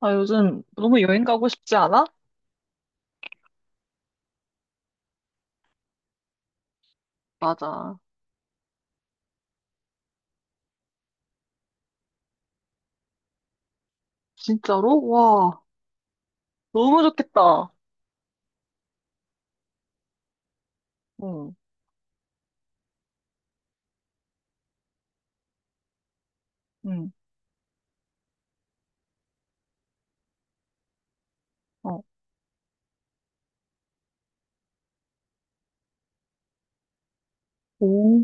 아, 요즘 너무 여행 가고 싶지 않아? 맞아. 진짜로? 와, 너무 좋겠다. 응, 응, 어. 오,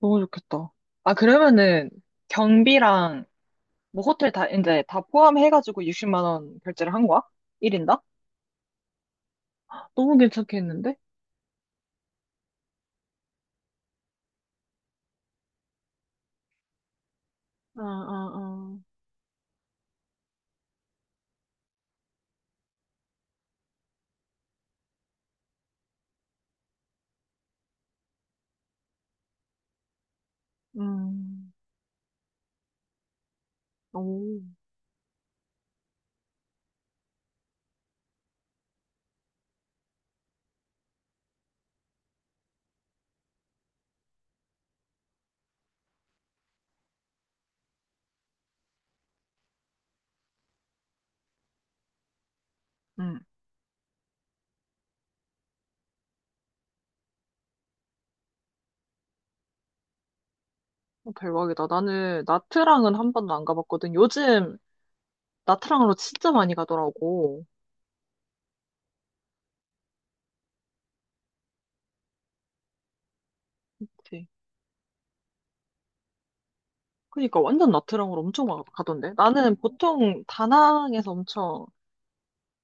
너무 좋겠다. 아, 그러면은 경비랑 뭐 호텔 다 이제 다 포함해가지고 60만 원 결제를 한 거야? 1인당? 너무 괜찮겠는데? 응, 응, 응. 오, 응. 어, 대박이다. 나는 나트랑은 한 번도 안 가봤거든. 요즘 나트랑으로 진짜 많이 가더라고. 그치. 그니까 완전 나트랑으로 엄청 막 가던데. 나는 보통 다낭에서 엄청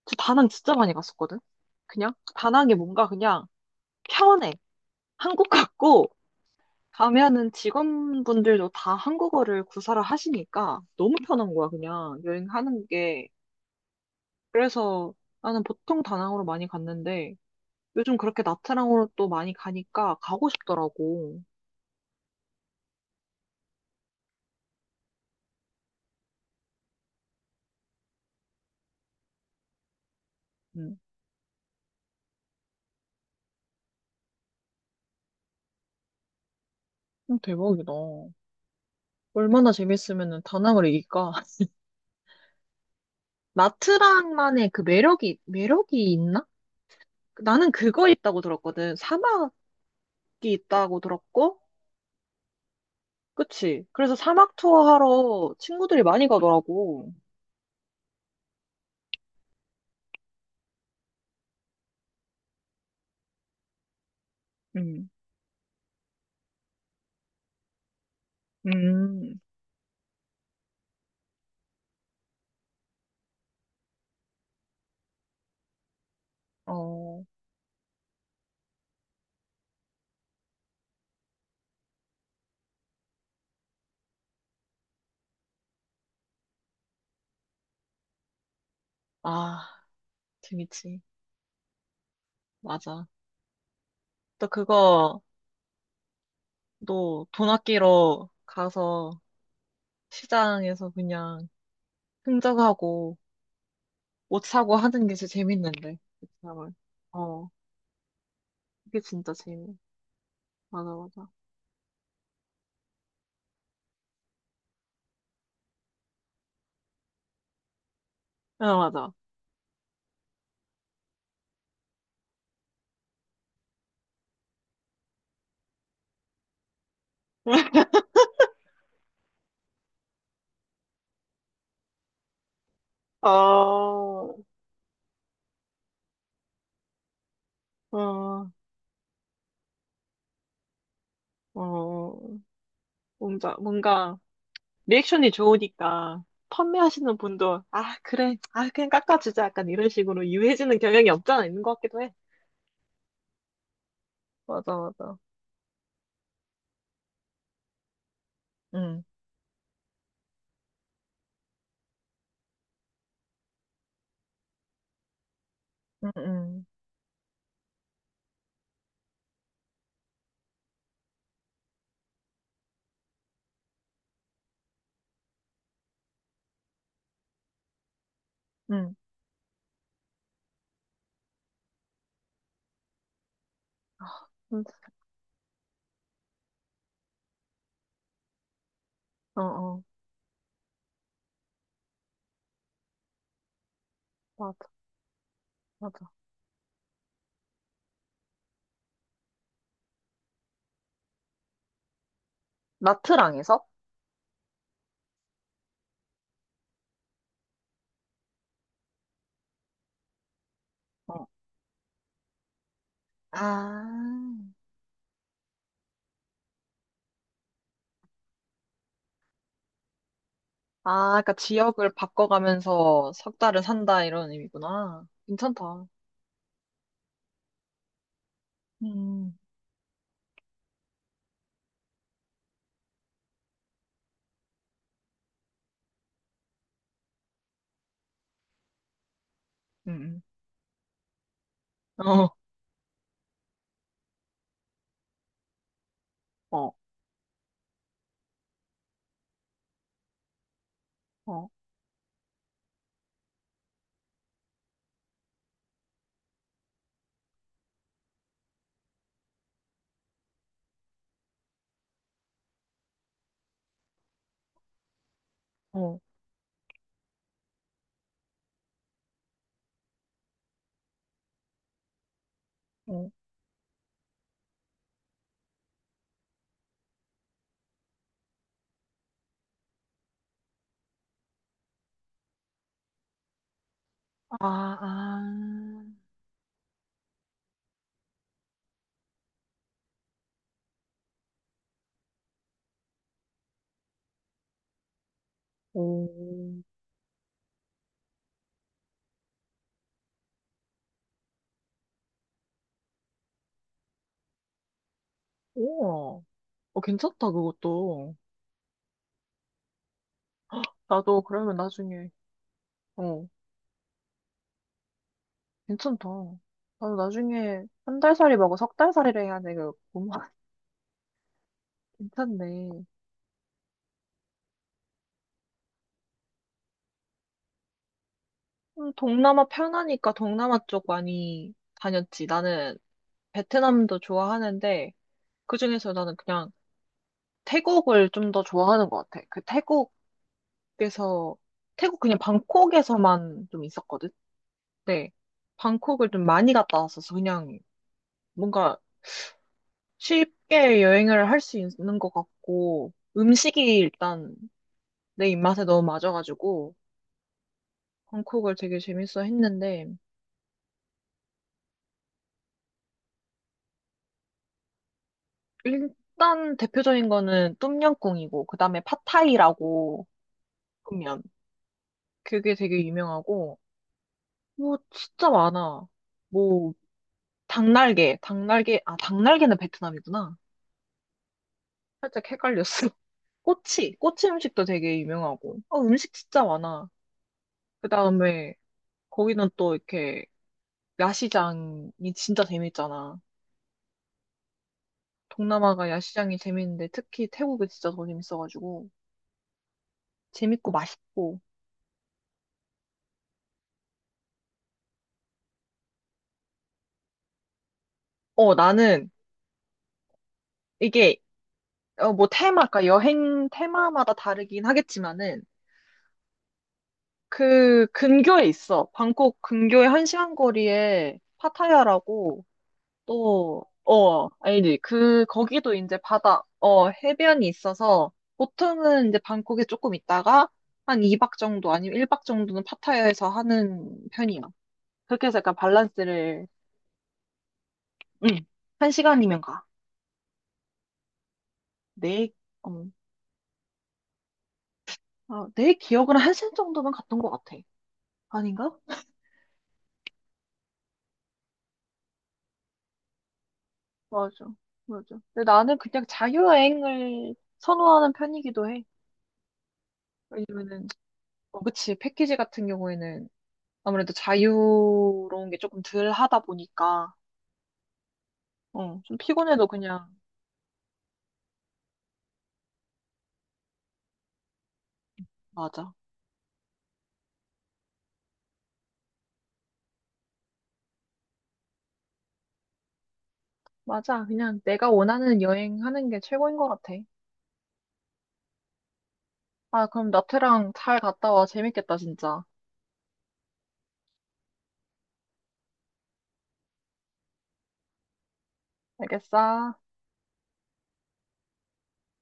저 다낭 진짜 많이 갔었거든. 그냥 다낭이 뭔가 그냥 편해. 한국 같고 가면은 직원분들도 다 한국어를 구사를 하시니까 너무 편한 거야 그냥 여행하는 게. 그래서 나는 보통 다낭으로 많이 갔는데 요즘 그렇게 나트랑으로 또 많이 가니까 가고 싶더라고. 음, 대박이다. 얼마나 재밌으면 다낭을 이길까? 마트랑만의 그 매력이 있나? 나는 그거 있다고 들었거든. 사막이 있다고 들었고, 그치? 그래서 사막 투어 하러 친구들이 많이 가더라고. 음, 음, 어, 아, 재밌지. 맞아. 또 그거, 너 돈 아끼러 가서 시장에서 그냥 흥정하고 옷 사고 하는 게 제일 재밌는데. 그 사람을. 어, 그게 진짜 재밌. 맞아, 맞아. 맞아, 맞아. 어. 어, 어, 어. 뭔가, 리액션이 좋으니까, 판매하시는 분도, 아, 그래, 아, 그냥 깎아주자. 약간 이런 식으로 유해지는 경향이 없잖아, 있는 것 같기도 해. 맞아, 맞아. 응, 응, 응, 응, 응. 어, 어, 맞아, 맞아. 나트랑에서? 어. 아, 아, 그러니까 지역을 바꿔가면서 석 달을 산다, 이런 의미구나. 괜찮다. 음, 음, 어, 어, 어, 어. 어. 아, 아. 오, 우와. 어, 괜찮다, 그것도. 나도 그러면 나중에, 어, 괜찮다. 나도 나중에 한 달살이 말고 석 달살이를 해야 돼. 그, 괜찮네. 동남아 편하니까 동남아 쪽 많이 다녔지. 나는 베트남도 좋아하는데, 그중에서 나는 그냥 태국을 좀 더 좋아하는 것 같아. 그 태국에서, 태국 그냥 방콕에서만 좀 있었거든? 네. 방콕을 좀 많이 갔다 왔었어. 그냥 뭔가 쉽게 여행을 할 수 있는 것 같고, 음식이 일단 내 입맛에 너무 맞아가지고, 방콕을 되게 재밌어 했는데, 일단 대표적인 거는 똠양꿍이고, 그 다음에 팟타이라고 보면, 그게 되게 유명하고, 뭐, 진짜 많아. 뭐, 아, 닭날개는 베트남이구나. 살짝 헷갈렸어. 꼬치 음식도 되게 유명하고, 어, 음식 진짜 많아. 그 다음에, 거기는 또 이렇게, 야시장이 진짜 재밌잖아. 동남아가 야시장이 재밌는데 특히 태국이 진짜 더 재밌어가지고 재밌고 맛있고. 어 나는 이게 어, 뭐 테마, 그 여행 테마마다 다르긴 하겠지만은 그 근교에 있어. 방콕 근교의 한 시간 거리에 파타야라고 또 어 알지? 그 거기도 이제 바다 어 해변이 있어서 보통은 이제 방콕에 조금 있다가 한 2박 정도 아니면 1박 정도는 파타야에서 하는 편이야. 그렇게 해서 약간 밸런스를 응. 한 시간이면 가. 내, 어, 아, 내 기억으로 한 시간 정도면 갔던 것 같아. 아닌가? 맞아, 맞아. 근데 나는 그냥 자유여행을 선호하는 편이기도 해. 왜냐면은, 어, 그치, 패키지 같은 경우에는 아무래도 자유로운 게 조금 덜 하다 보니까, 어, 좀 피곤해도 그냥, 맞아. 맞아. 그냥 내가 원하는 여행 하는 게 최고인 것 같아. 아, 그럼 나트랑 잘 갔다 와. 재밌겠다, 진짜. 알겠어.